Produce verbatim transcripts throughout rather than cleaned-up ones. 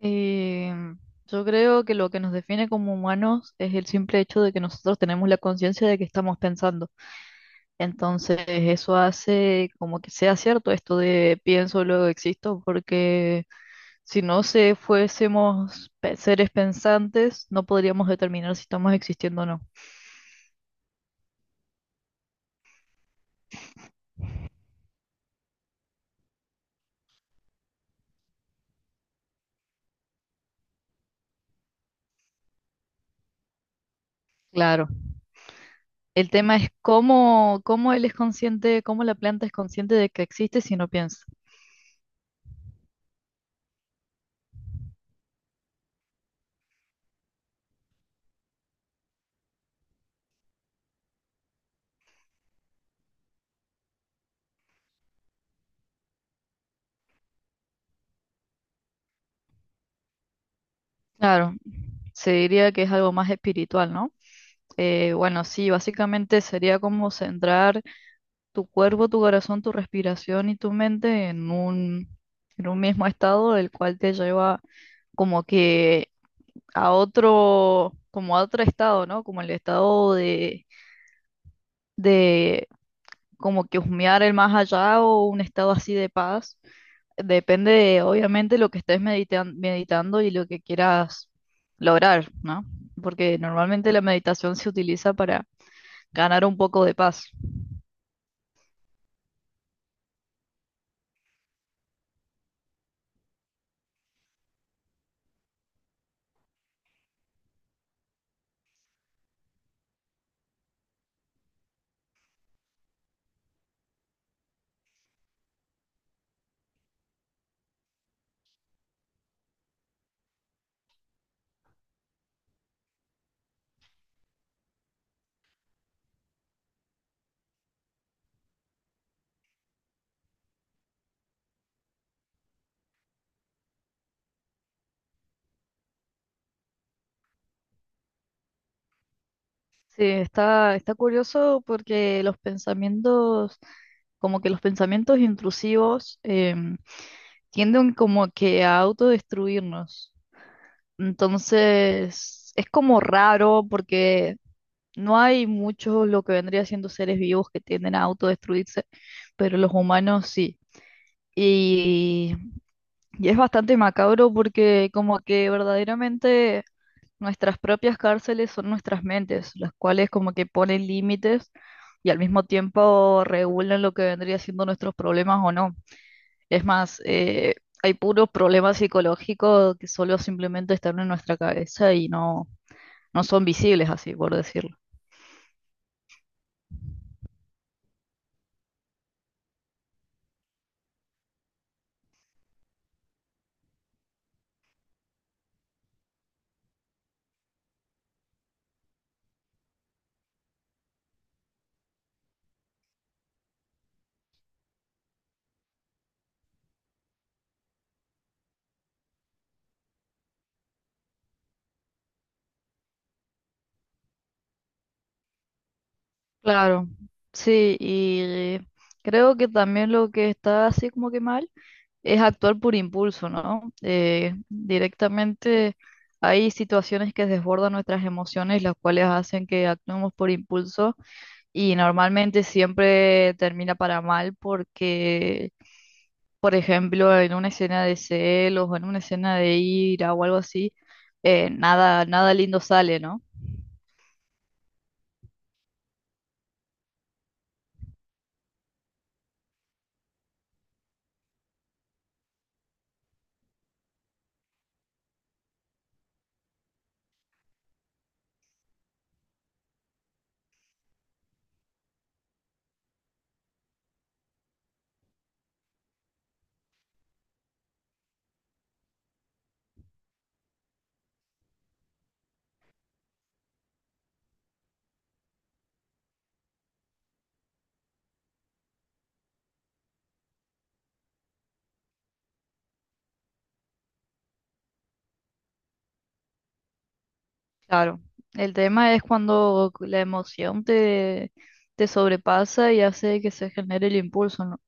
Eh, yo creo que lo que nos define como humanos es el simple hecho de que nosotros tenemos la conciencia de que estamos pensando. Entonces, eso hace como que sea cierto esto de pienso, luego existo, porque si no se fuésemos pe- seres pensantes, no podríamos determinar si estamos existiendo o no. Claro. El tema es cómo, cómo él es consciente, cómo la planta es consciente de que existe si no piensa. Claro, se diría que es algo más espiritual, ¿no? Eh, bueno, sí, básicamente sería como centrar tu cuerpo, tu corazón, tu respiración y tu mente en un, en un mismo estado, el cual te lleva como que a otro, como a otro estado, ¿no? Como el estado de, de como que husmear el más allá o un estado así de paz. Depende de, obviamente, lo que estés medita- meditando y lo que quieras lograr, ¿no? Porque normalmente la meditación se utiliza para ganar un poco de paz. Sí, está, está curioso porque los pensamientos, como que los pensamientos intrusivos em, tienden como que a autodestruirnos. Entonces, es como raro porque no hay muchos lo que vendría siendo seres vivos que tienden a autodestruirse, pero los humanos sí. Y, y es bastante macabro porque como que verdaderamente nuestras propias cárceles son nuestras mentes, las cuales como que ponen límites y al mismo tiempo regulan lo que vendría siendo nuestros problemas o no. Es más, eh, hay puros problemas psicológicos que solo simplemente están en nuestra cabeza y no, no son visibles así, por decirlo. Claro, sí, y creo que también lo que está así como que mal es actuar por impulso, ¿no? Eh, directamente hay situaciones que desbordan nuestras emociones, las cuales hacen que actuemos por impulso y normalmente siempre termina para mal porque, por ejemplo, en una escena de celos o en una escena de ira o algo así, eh, nada, nada lindo sale, ¿no? Claro. El tema es cuando la emoción te, te sobrepasa y hace que se genere el impulso, ¿no?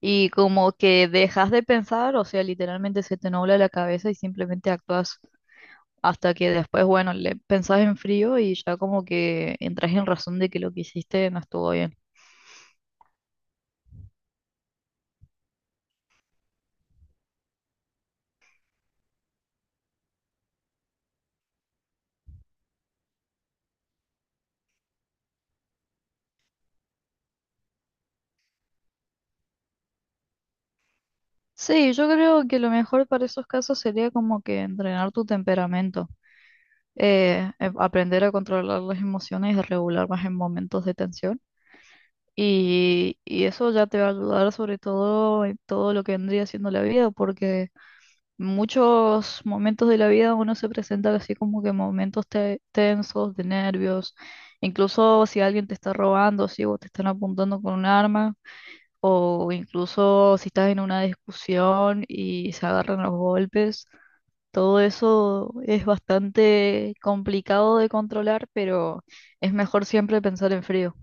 Y como que dejas de pensar, o sea, literalmente se te nubla la cabeza y simplemente actúas hasta que después, bueno, le pensás en frío y ya como que entras en razón de que lo que hiciste no estuvo bien. Sí, yo creo que lo mejor para esos casos sería como que entrenar tu temperamento, eh, em- aprender a controlar las emociones y regular más en momentos de tensión. Y, y eso ya te va a ayudar sobre todo en todo lo que vendría siendo la vida, porque muchos momentos de la vida uno se presenta así como que momentos te- tensos, de nervios, incluso si alguien te está robando, si vos te están apuntando con un arma, o incluso si estás en una discusión y se agarran los golpes. Todo eso es bastante complicado de controlar, pero es mejor siempre pensar en frío.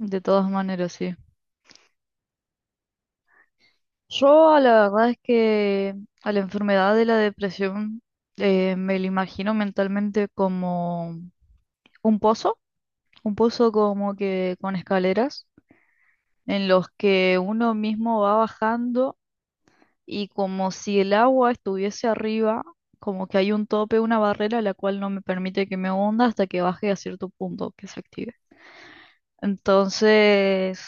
De todas maneras, sí. Yo la verdad es que a la enfermedad de la depresión eh, me la imagino mentalmente como un pozo, un pozo como que con escaleras en los que uno mismo va bajando y como si el agua estuviese arriba, como que hay un tope, una barrera la cual no me permite que me hunda hasta que baje a cierto punto que se active. Entonces,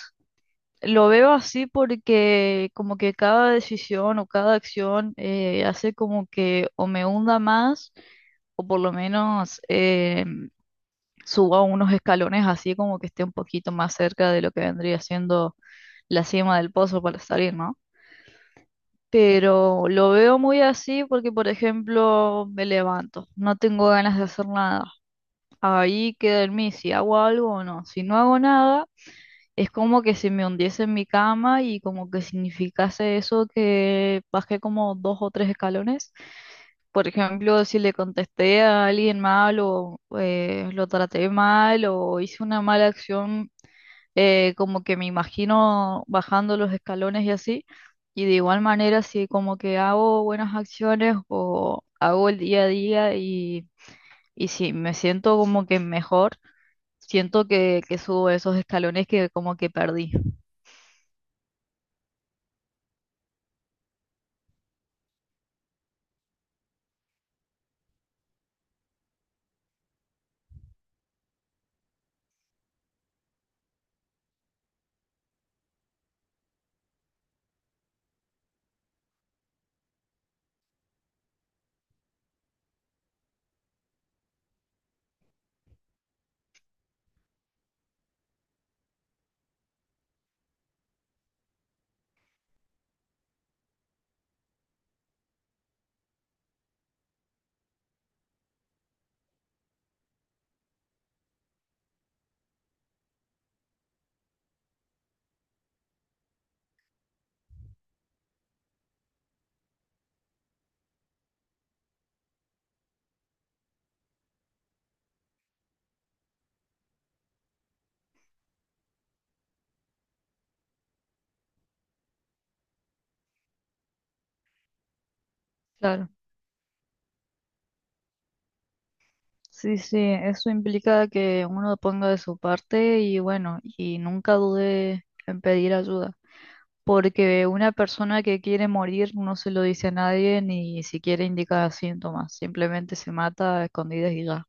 lo veo así porque como que cada decisión o cada acción eh, hace como que o me hunda más o por lo menos eh, suba unos escalones así como que esté un poquito más cerca de lo que vendría siendo la cima del pozo para salir, ¿no? Pero lo veo muy así porque, por ejemplo, me levanto, no tengo ganas de hacer nada. Ahí queda en mí si hago algo o no. Si no hago nada, es como que si me hundiese en mi cama y como que significase eso que bajé como dos o tres escalones. Por ejemplo, si le contesté a alguien mal o eh, lo traté mal o hice una mala acción, eh, como que me imagino bajando los escalones y así. Y de igual manera, si como que hago buenas acciones o hago el día a día y, y si me siento como que mejor, siento que, que subo esos escalones que como que perdí. Claro. Sí, sí, eso implica que uno ponga de su parte y bueno, y nunca dude en pedir ayuda, porque una persona que quiere morir no se lo dice a nadie ni siquiera indica síntomas, simplemente se mata a escondidas y ya.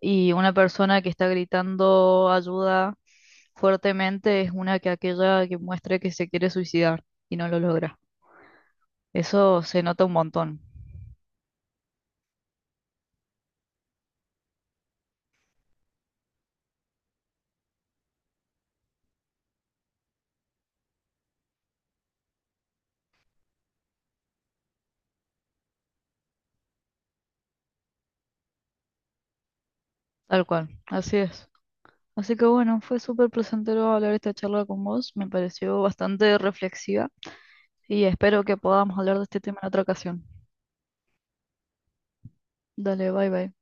Y una persona que está gritando ayuda fuertemente es una que aquella que muestra que se quiere suicidar y no lo logra. Eso se nota un montón, tal cual, así es. Así que bueno, fue súper placentero hablar esta charla con vos, me pareció bastante reflexiva y espero que podamos hablar de este tema en otra ocasión. Dale, bye bye.